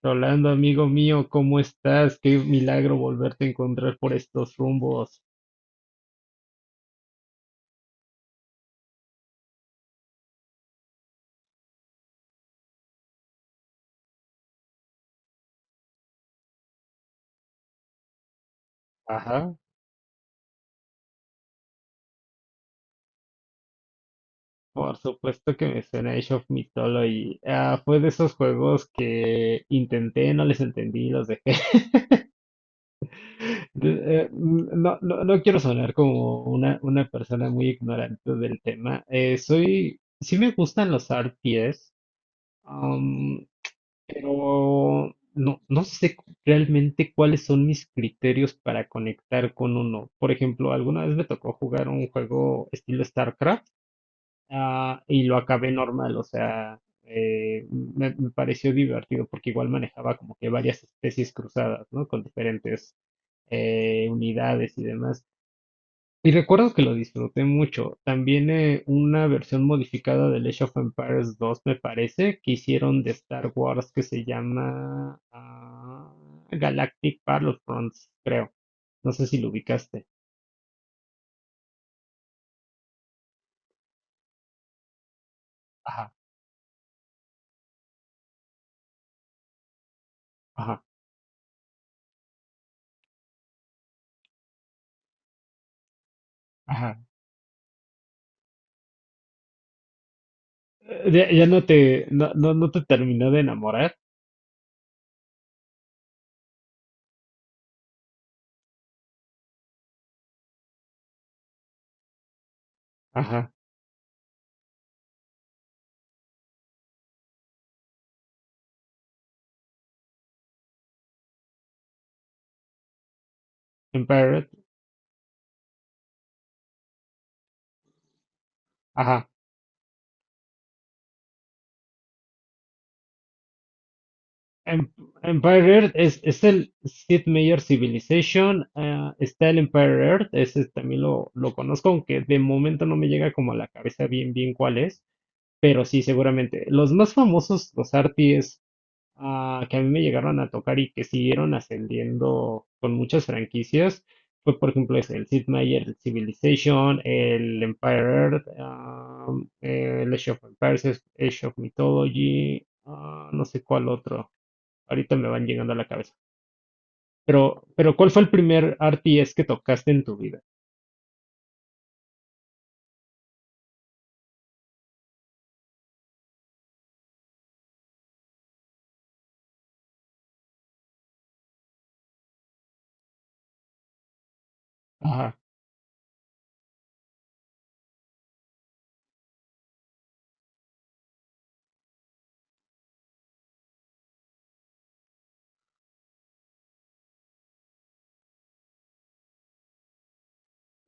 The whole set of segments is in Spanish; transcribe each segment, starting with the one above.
Rolando, amigo mío, ¿cómo estás? Qué milagro volverte a encontrar por estos rumbos. Ajá. Por supuesto que me suena Age of Mythology. Ah, fue de esos juegos que intenté, no les entendí, los dejé. No, no quiero sonar como una persona muy ignorante del tema. Sí me gustan los RPGs. Pero no sé realmente cuáles son mis criterios para conectar con uno. Por ejemplo, alguna vez me tocó jugar un juego estilo StarCraft, y lo acabé normal, o sea, me pareció divertido porque igual manejaba como que varias especies cruzadas, ¿no? Con diferentes unidades y demás. Y recuerdo que lo disfruté mucho. También una versión modificada del Age of Empires 2, me parece, que hicieron de Star Wars que se llama Galactic Battlefronts, creo. No sé si lo ubicaste. Ajá, ajá, ajá. Ya, ya no no te terminó de enamorar. Ajá. Empire, ajá. Em- Empire Earth es el Sid Meier Civilization. Ah, está el Empire Earth, ese también lo conozco, aunque de momento no me llega como a la cabeza bien cuál es, pero sí, seguramente. Los más famosos, los arties que a mí me llegaron a tocar y que siguieron ascendiendo con muchas franquicias, fue por ejemplo ese, el Sid Meier Civilization, el Empire Earth, el Age of Empires, Age of Mythology, no sé cuál otro ahorita me van llegando a la cabeza. Pero ¿cuál fue el primer RTS que tocaste en tu vida? Ajá.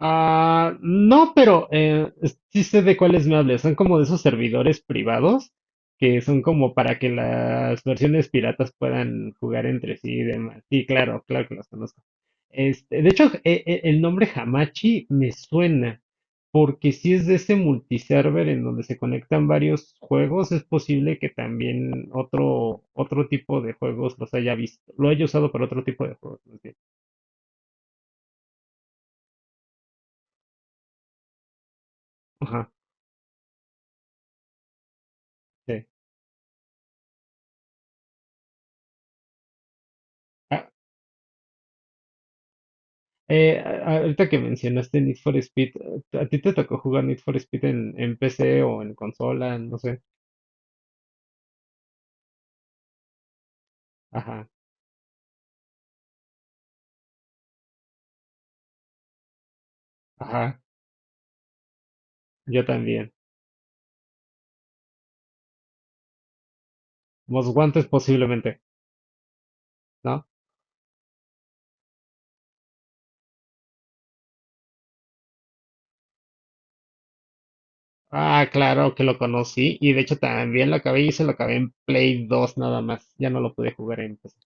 Ah, no, pero sí sé de cuáles me hablas. Son como de esos servidores privados que son como para que las versiones piratas puedan jugar entre sí y demás. Sí, claro, claro que los conozco. Este, de hecho, el nombre Hamachi me suena porque si es de ese multiserver en donde se conectan varios juegos, es posible que también otro tipo de juegos los haya visto, lo haya usado para otro tipo de juegos. Más bien. Ajá, sí. Eh, a- Ahorita que mencionaste Need for Speed, ¿a ti te tocó jugar Need for Speed en PC o en consola? No sé. Ajá, ajá, yo también. Most Wanted posiblemente, ¿no? Ah, claro que lo conocí y de hecho también lo acabé y se lo acabé en Play 2 nada más. Ya no lo pude jugar en PC.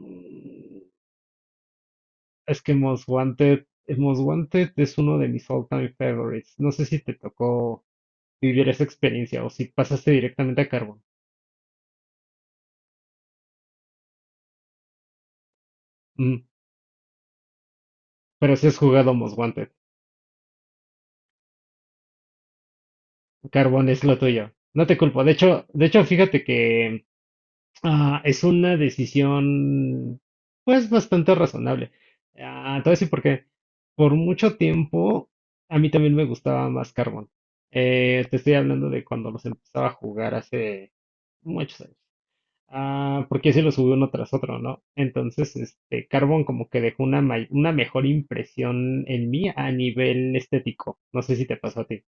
Mm, Es que Most Wanted es uno de mis all-time favorites. No sé si te tocó vivir esa experiencia o si pasaste directamente a Carbon. Mm, pero sí has jugado Most Wanted. Carbón es lo tuyo. No te culpo. De hecho, fíjate que es una decisión, pues, bastante razonable. Ah, te voy a decir por qué. Por mucho tiempo, a mí también me gustaba más Carbón. Te estoy hablando de cuando los empezaba a jugar hace muchos años. Ah, porque así los subí uno tras otro, ¿no? Entonces, este, Carbón como que dejó una mejor impresión en mí a nivel estético. No sé si te pasó a ti.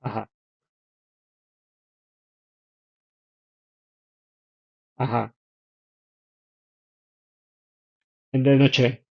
Ajá, ajá. De noche.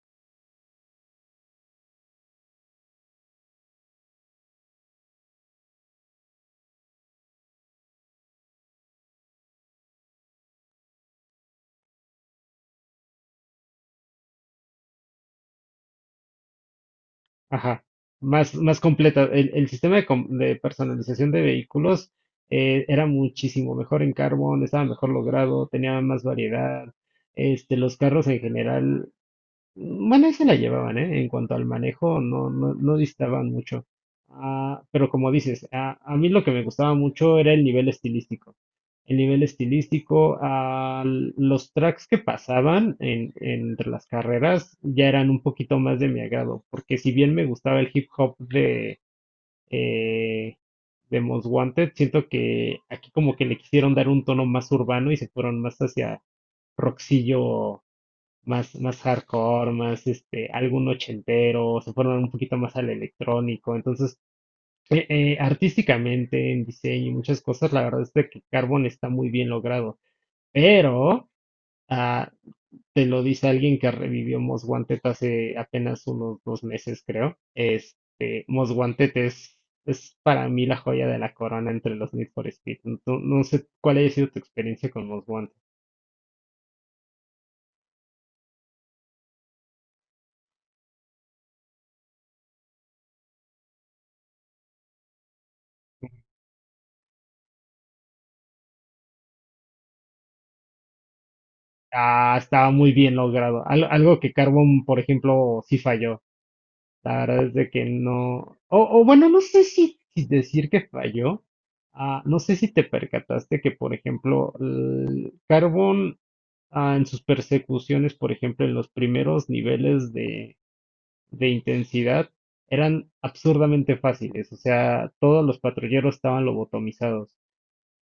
Ajá, más completa. El sistema de personalización de vehículos era muchísimo mejor en Carbon, estaba mejor logrado, tenía más variedad. Este, los carros en general bueno, ahí se la llevaban, ¿eh? En cuanto al manejo, no distaban mucho. Ah, pero como dices, a mí lo que me gustaba mucho era el nivel estilístico. El nivel estilístico, los tracks que pasaban entre las carreras ya eran un poquito más de mi agrado, porque si bien me gustaba el hip hop eh, de Most Wanted, siento que aquí como que le quisieron dar un tono más urbano y se fueron más hacia rockcillo más hardcore, más este, algún ochentero, se fueron un poquito más al electrónico. Entonces, artísticamente, en diseño y muchas cosas, la verdad es de que Carbon está muy bien logrado. Pero ah, te lo dice alguien que revivió Most Wanted hace apenas unos dos meses, creo. Este, es para mí la joya de la corona entre los Need for Speed. No, no sé cuál haya sido tu experiencia con Most Wanted. Ah, estaba muy bien logrado. Algo que Carbon, por ejemplo, sí falló. La verdad es de que no. O bueno, no sé si decir que falló. Ah, no sé si te percataste que, por ejemplo, el Carbon, ah, en sus persecuciones, por ejemplo, en los primeros niveles de intensidad, eran absurdamente fáciles. O sea, todos los patrulleros estaban lobotomizados.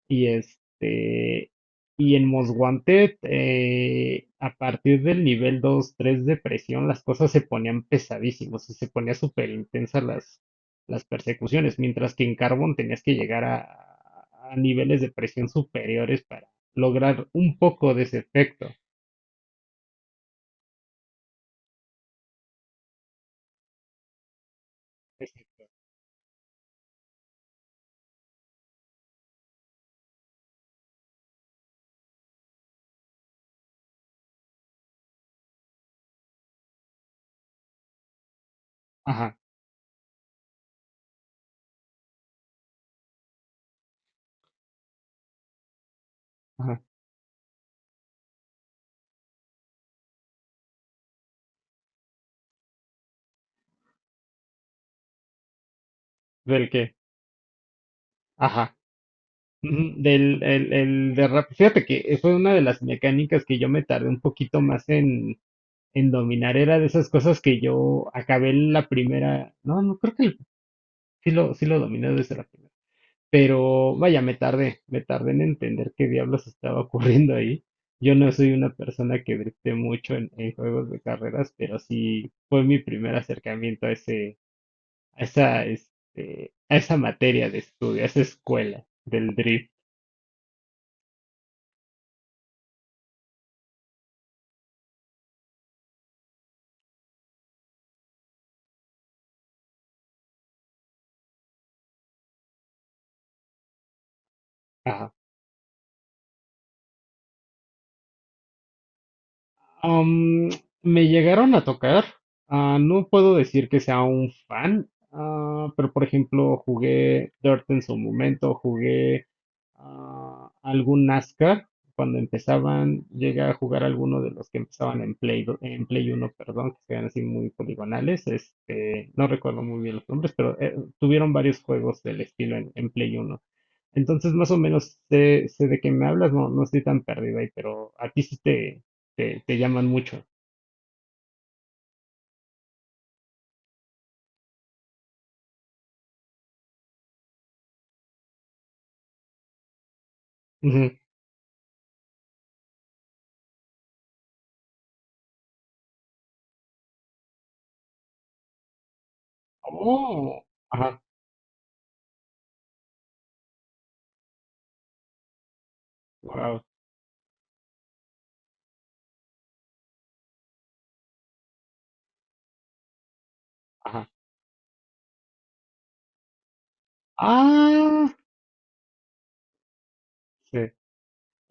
Y este, y en Most Wanted, a partir del nivel 2 3 de presión, las cosas se ponían pesadísimas y se ponía súper intensas las persecuciones, mientras que en Carbon tenías que llegar a niveles de presión superiores para lograr un poco de ese efecto. Ese- Ajá, ajá. ¿Del qué? Ajá. Ujú. Del el derrape. Fíjate que fue una de las mecánicas que yo me tardé un poquito más en dominar. Era de esas cosas que yo acabé la primera. No, no, creo que sí lo dominé desde la primera. Pero vaya, me tardé en entender qué diablos estaba ocurriendo ahí. Yo no soy una persona que grite mucho en juegos de carreras, pero sí fue mi primer acercamiento a ese, a esa materia de estudio, a esa escuela del drift. Ajá. Am, Me llegaron a tocar. Ah, no puedo decir que sea un fan, ah, pero por ejemplo jugué Dirt en su momento, jugué algún NASCAR. Cuando empezaban, llegué a jugar alguno de los que empezaban en en Play uno, perdón, que eran así muy poligonales. Este, no recuerdo muy bien los nombres, pero tuvieron varios juegos del estilo en Play uno. Entonces, más o menos sé de qué me hablas, no, no estoy tan perdido ahí, pero a ti sí te llaman mucho. Ujú. Oh, ajá, wow, ajá. Ah, sí.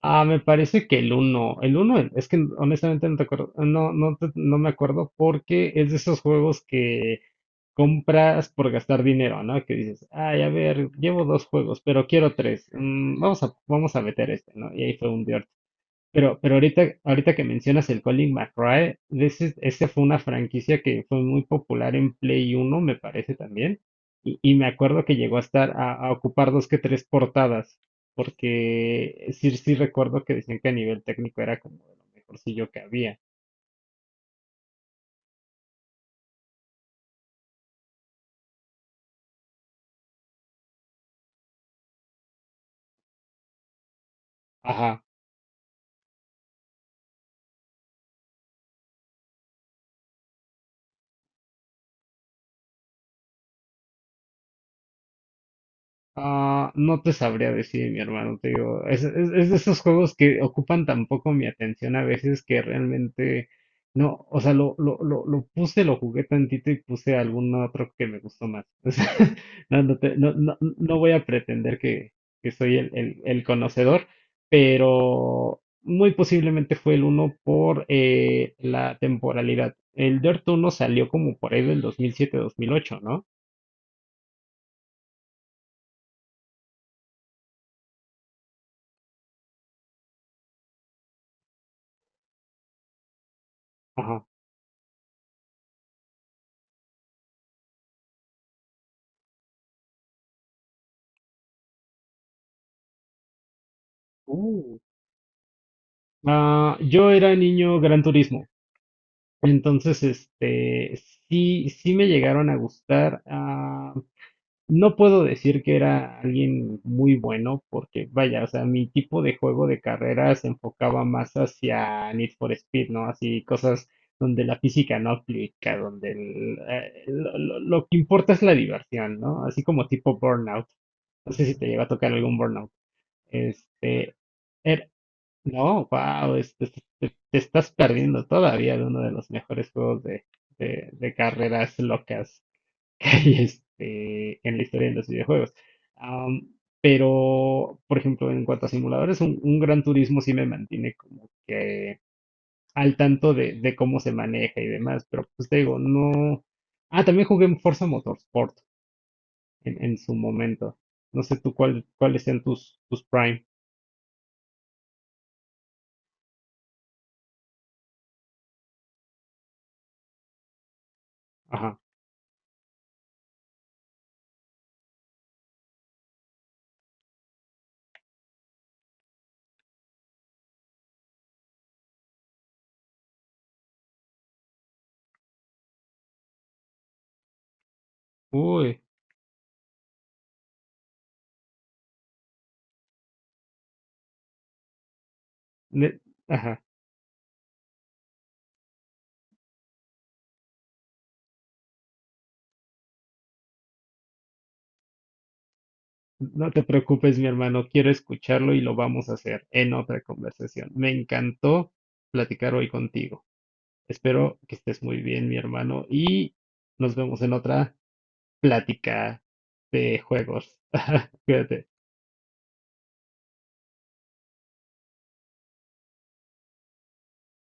Ah, me parece que el uno, el uno, el. Es que honestamente no te acuerdo, no me acuerdo porque es de esos juegos que compras por gastar dinero, ¿no? Que dices, ay, a ver, llevo dos juegos, pero quiero tres, vamos a meter este, ¿no? Y ahí fue un pero ahorita que mencionas el Colin McRae, ese fue una franquicia que fue muy popular en Play Uno, me parece también. Y me acuerdo que llegó a estar a ocupar dos que tres portadas, porque sí recuerdo que decían que a nivel técnico era como de lo mejorcillo que había. Ajá. Ah, no te sabría decir, mi hermano, te digo, es de esos juegos que ocupan tan poco mi atención a veces que realmente no, o sea, lo puse, lo jugué tantito y puse algún otro que me gustó más. O sea, no voy a pretender que soy el conocedor, pero muy posiblemente fue el uno por la temporalidad. El Dirt uno salió como por ahí del 2007-2008, ¿no? Ajá. Ah, yo era niño Gran Turismo, entonces este sí me llegaron a gustar. Ah, no puedo decir que era alguien muy bueno, porque vaya, o sea, mi tipo de juego de carrera se enfocaba más hacia Need for Speed, ¿no? Así cosas donde la física no aplica, donde el, lo que importa es la diversión, ¿no? Así como tipo Burnout. No sé si te llegó a tocar algún Burnout. Este, no, wow, te, estás perdiendo todavía de uno de los mejores juegos de carreras locas que hay este, en la historia de los videojuegos. Am, pero, por ejemplo, en cuanto a simuladores, un Gran Turismo sí me mantiene como que al tanto de cómo se maneja y demás, pero pues te digo, no. Ah, también jugué en Forza Motorsport en su momento. No sé tú, cuáles sean tus Prime. Ajá. Uy. ne- Ajá. No te preocupes, mi hermano, quiero escucharlo y lo vamos a hacer en otra conversación. Me encantó platicar hoy contigo. Espero que estés muy bien, mi hermano, y nos vemos en otra plática de juegos. Cuídate.